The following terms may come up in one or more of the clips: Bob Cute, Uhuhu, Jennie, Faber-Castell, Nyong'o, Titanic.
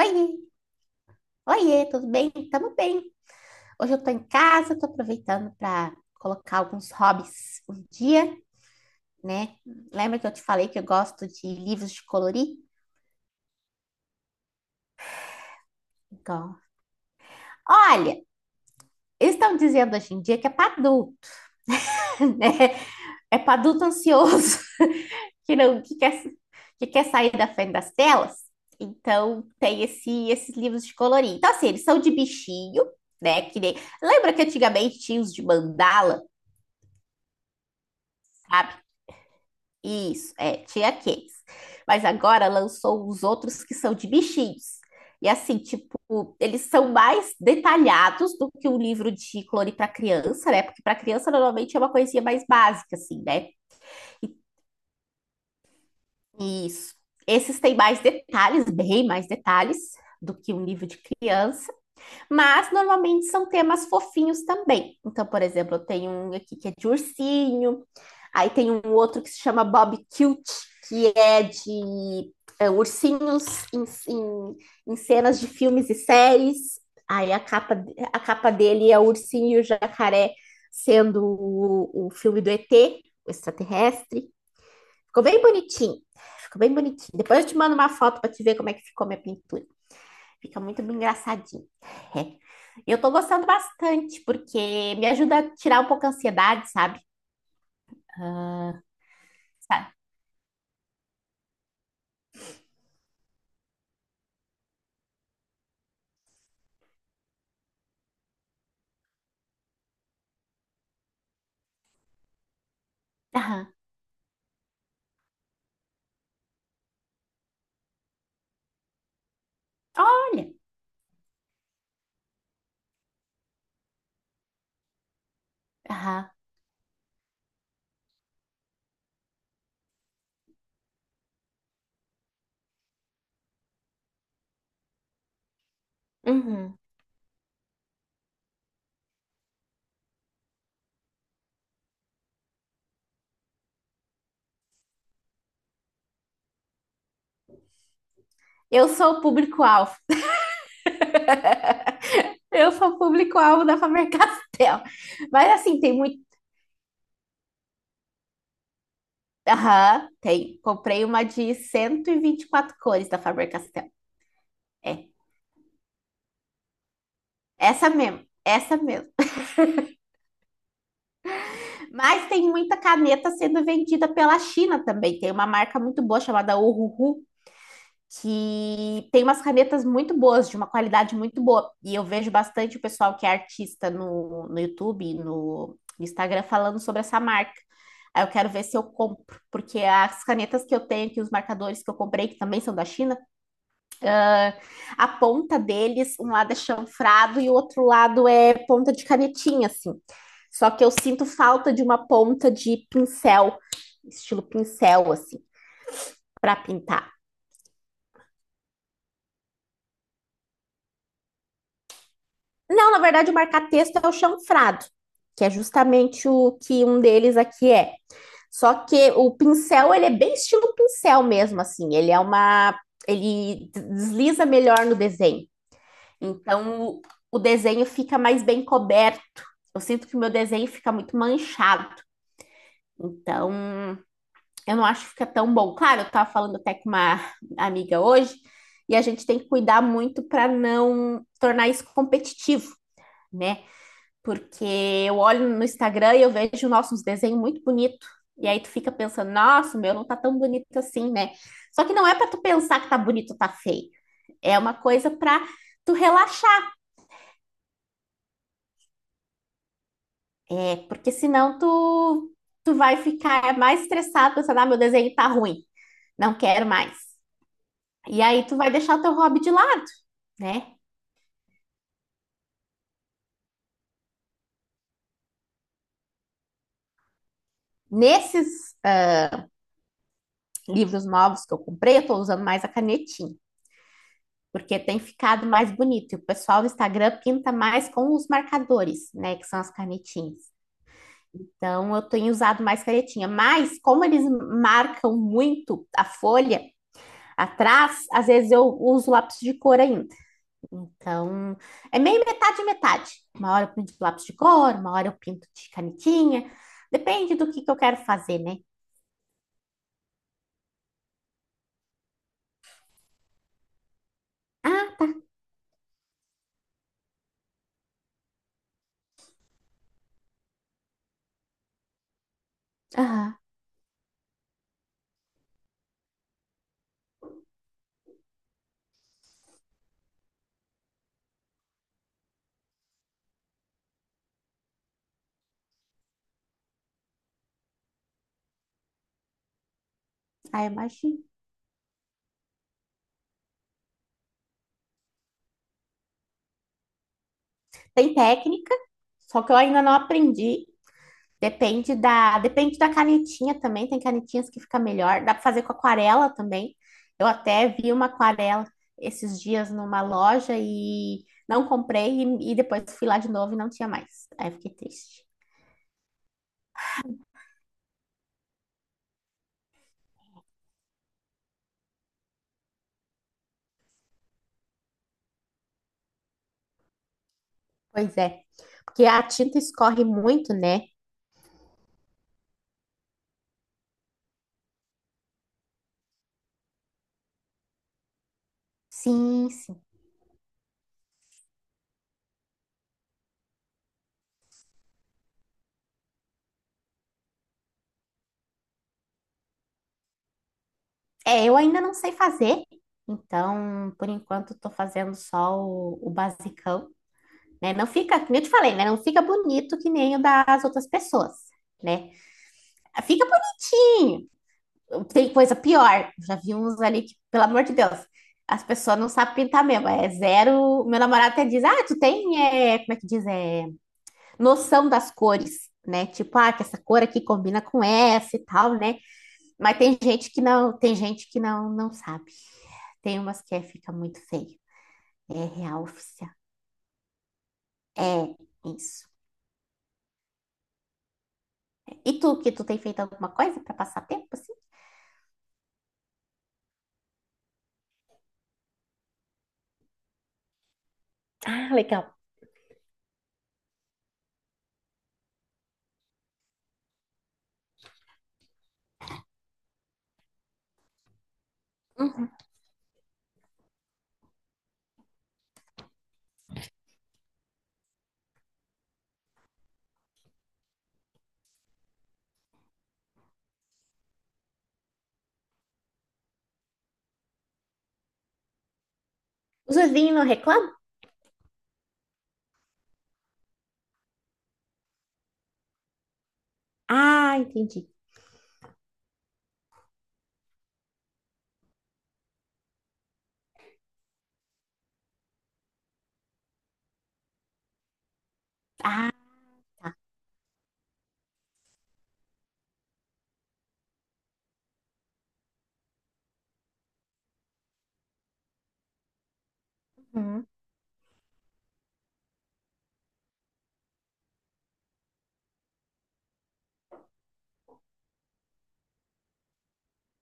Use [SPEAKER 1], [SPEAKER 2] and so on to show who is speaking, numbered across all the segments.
[SPEAKER 1] Oi, oiê, tudo bem? Tamo bem. Hoje eu tô em casa, tô aproveitando para colocar alguns hobbies um dia, né? Lembra que eu te falei que eu gosto de livros de colorir? Então, olha, eles estão dizendo hoje em dia que é para adulto, né? É para adulto ansioso que não que quer, que quer sair da frente das telas. Então, tem esses livros de colorir. Então, assim, eles são de bichinho, né? Que nem- Lembra que antigamente tinha os de mandala? Sabe? Isso, é, tinha aqueles. Mas agora lançou os outros que são de bichinhos. E assim, tipo, eles são mais detalhados do que um livro de clone para criança, né? Porque para criança normalmente é uma coisinha mais básica, assim, né? E, isso. Esses têm mais detalhes, bem mais detalhes do que um livro de criança. Mas normalmente são temas fofinhos também. Então, por exemplo, eu tenho um aqui que é de ursinho, aí tem um outro que se chama Bob Cute, que é de é, ursinhos em, em, em cenas de filmes e séries. Aí a capa dele é o ursinho e o jacaré sendo o filme do ET, o extraterrestre. Ficou bem bonitinho. Ficou bem bonitinho. Depois eu te mando uma foto para te ver como é que ficou minha pintura. Fica muito bem engraçadinho. É. Eu tô gostando bastante, porque me ajuda a tirar um pouco a ansiedade, sabe? Ah, sabe? Aham. Olha. Aham. Uhum. Eu sou o público-alvo. Eu sou o público-alvo da Faber-Castell. Mas assim, tem muito. Aham, tem. Comprei uma de cento e vinte e quatro cores da Faber-Castell. É. Essa mesmo. Essa mesmo. Mas tem muita caneta sendo vendida pela China também. Tem uma marca muito boa chamada Uhuhu, que tem umas canetas muito boas, de uma qualidade muito boa. E eu vejo bastante o pessoal que é artista no YouTube, no Instagram, falando sobre essa marca. Aí eu quero ver se eu compro, porque as canetas que eu tenho aqui, os marcadores que eu comprei, que também são da China, a ponta deles, um lado é chanfrado e o outro lado é ponta de canetinha, assim. Só que eu sinto falta de uma ponta de pincel, estilo pincel, assim, para pintar. Não, na verdade, o marca-texto é o chanfrado, que é justamente o que um deles aqui é. Só que o pincel, ele é bem estilo pincel mesmo, assim. Ele é uma... Ele desliza melhor no desenho. Então, o desenho fica mais bem coberto. Eu sinto que o meu desenho fica muito manchado. Então, eu não acho que fica tão bom. Claro, eu estava falando até com uma amiga hoje, e a gente tem que cuidar muito para não tornar isso competitivo, né? Porque eu olho no Instagram e eu vejo, nossa, uns desenhos muito bonitos. E aí tu fica pensando, nossa, o meu não tá tão bonito assim, né? Só que não é para tu pensar que tá bonito ou tá feio. É uma coisa para tu relaxar, é. Porque senão tu, tu vai ficar mais estressado pensando, ah, meu desenho tá ruim, não quero mais. E aí tu vai deixar o teu hobby de lado, né? Nesses livros novos que eu comprei, eu tô usando mais a canetinha. Porque tem ficado mais bonito. E o pessoal do Instagram pinta mais com os marcadores, né, que são as canetinhas. Então eu tenho usado mais canetinha, mas como eles marcam muito a folha atrás, às vezes eu uso lápis de cor ainda. Então é meio metade metade. Uma hora eu pinto de lápis de cor, uma hora eu pinto de canetinha. Depende do que eu quero fazer, né? Ah, aham, ah, imagino. Tem técnica, só que eu ainda não aprendi. Depende da canetinha também. Tem canetinhas que fica melhor. Dá para fazer com aquarela também. Eu até vi uma aquarela esses dias numa loja e não comprei e depois fui lá de novo e não tinha mais. Aí eu fiquei triste. Pois é, porque a tinta escorre muito, né? Sim, sim. É, eu ainda não sei fazer. Então, por enquanto, estou fazendo só o basicão, né? Não fica, como eu te falei, né? Não fica bonito que nem o das outras pessoas, né? Fica bonitinho. Tem coisa pior. Já vi uns ali que, pelo amor de Deus, as pessoas não sabem pintar mesmo. É zero. Meu namorado até diz: ah, tu tem, é, como é que diz? É, noção das cores, né? Tipo, ah, que essa cor aqui combina com essa e tal, né? Mas tem gente que não, tem gente que não, não sabe. Tem umas que é, fica muito feio. É real oficial. É isso. E tu, que tu tem feito alguma coisa para passar tempo assim? Ah, legal. Uhum. Os vizinhos não reclamam? Ah, entendi. Uhum.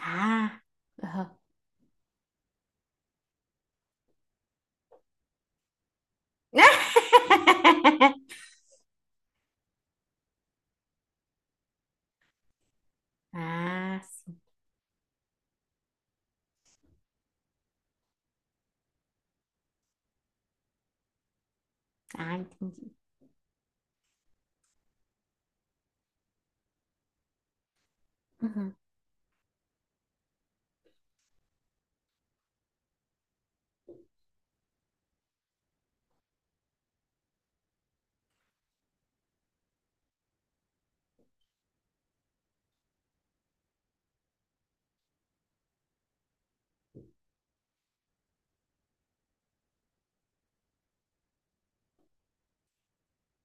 [SPEAKER 1] Ah, aham. Ah, sim. Ah, entendi. Uhum.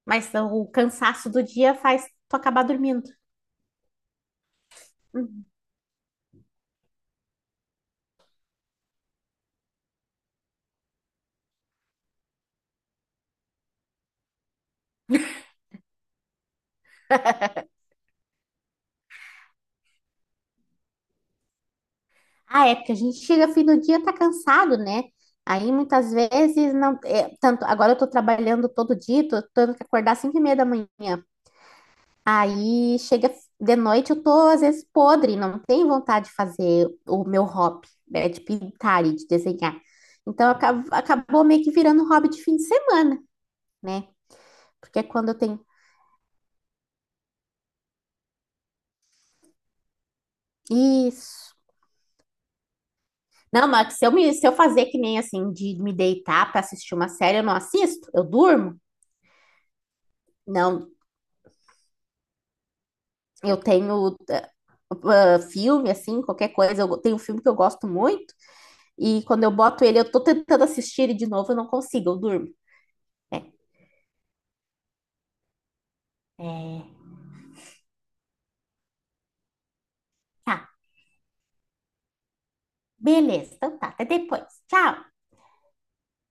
[SPEAKER 1] Mas o cansaço do dia faz tu acabar dormindo. Uhum. Ah, é, porque a gente chega fim do dia tá cansado, né? Aí muitas vezes não. É, tanto agora eu tô trabalhando todo dia, tô tendo que acordar às 5h30 da manhã. Aí chega de noite, eu tô às vezes podre, não tenho vontade de fazer o meu hobby, né, de pintar e de desenhar. Então acab- acabou meio que virando hobby de fim de semana, né? Porque é quando eu tenho isso. Não, mas se eu me, se eu fazer que nem assim de me deitar para assistir uma série, eu não assisto, eu durmo. Não, eu tenho filme assim, qualquer coisa, eu tenho um filme que eu gosto muito e quando eu boto ele, eu tô tentando assistir ele de novo, eu não consigo, eu durmo. É. Beleza, então tá, até depois. Tchau!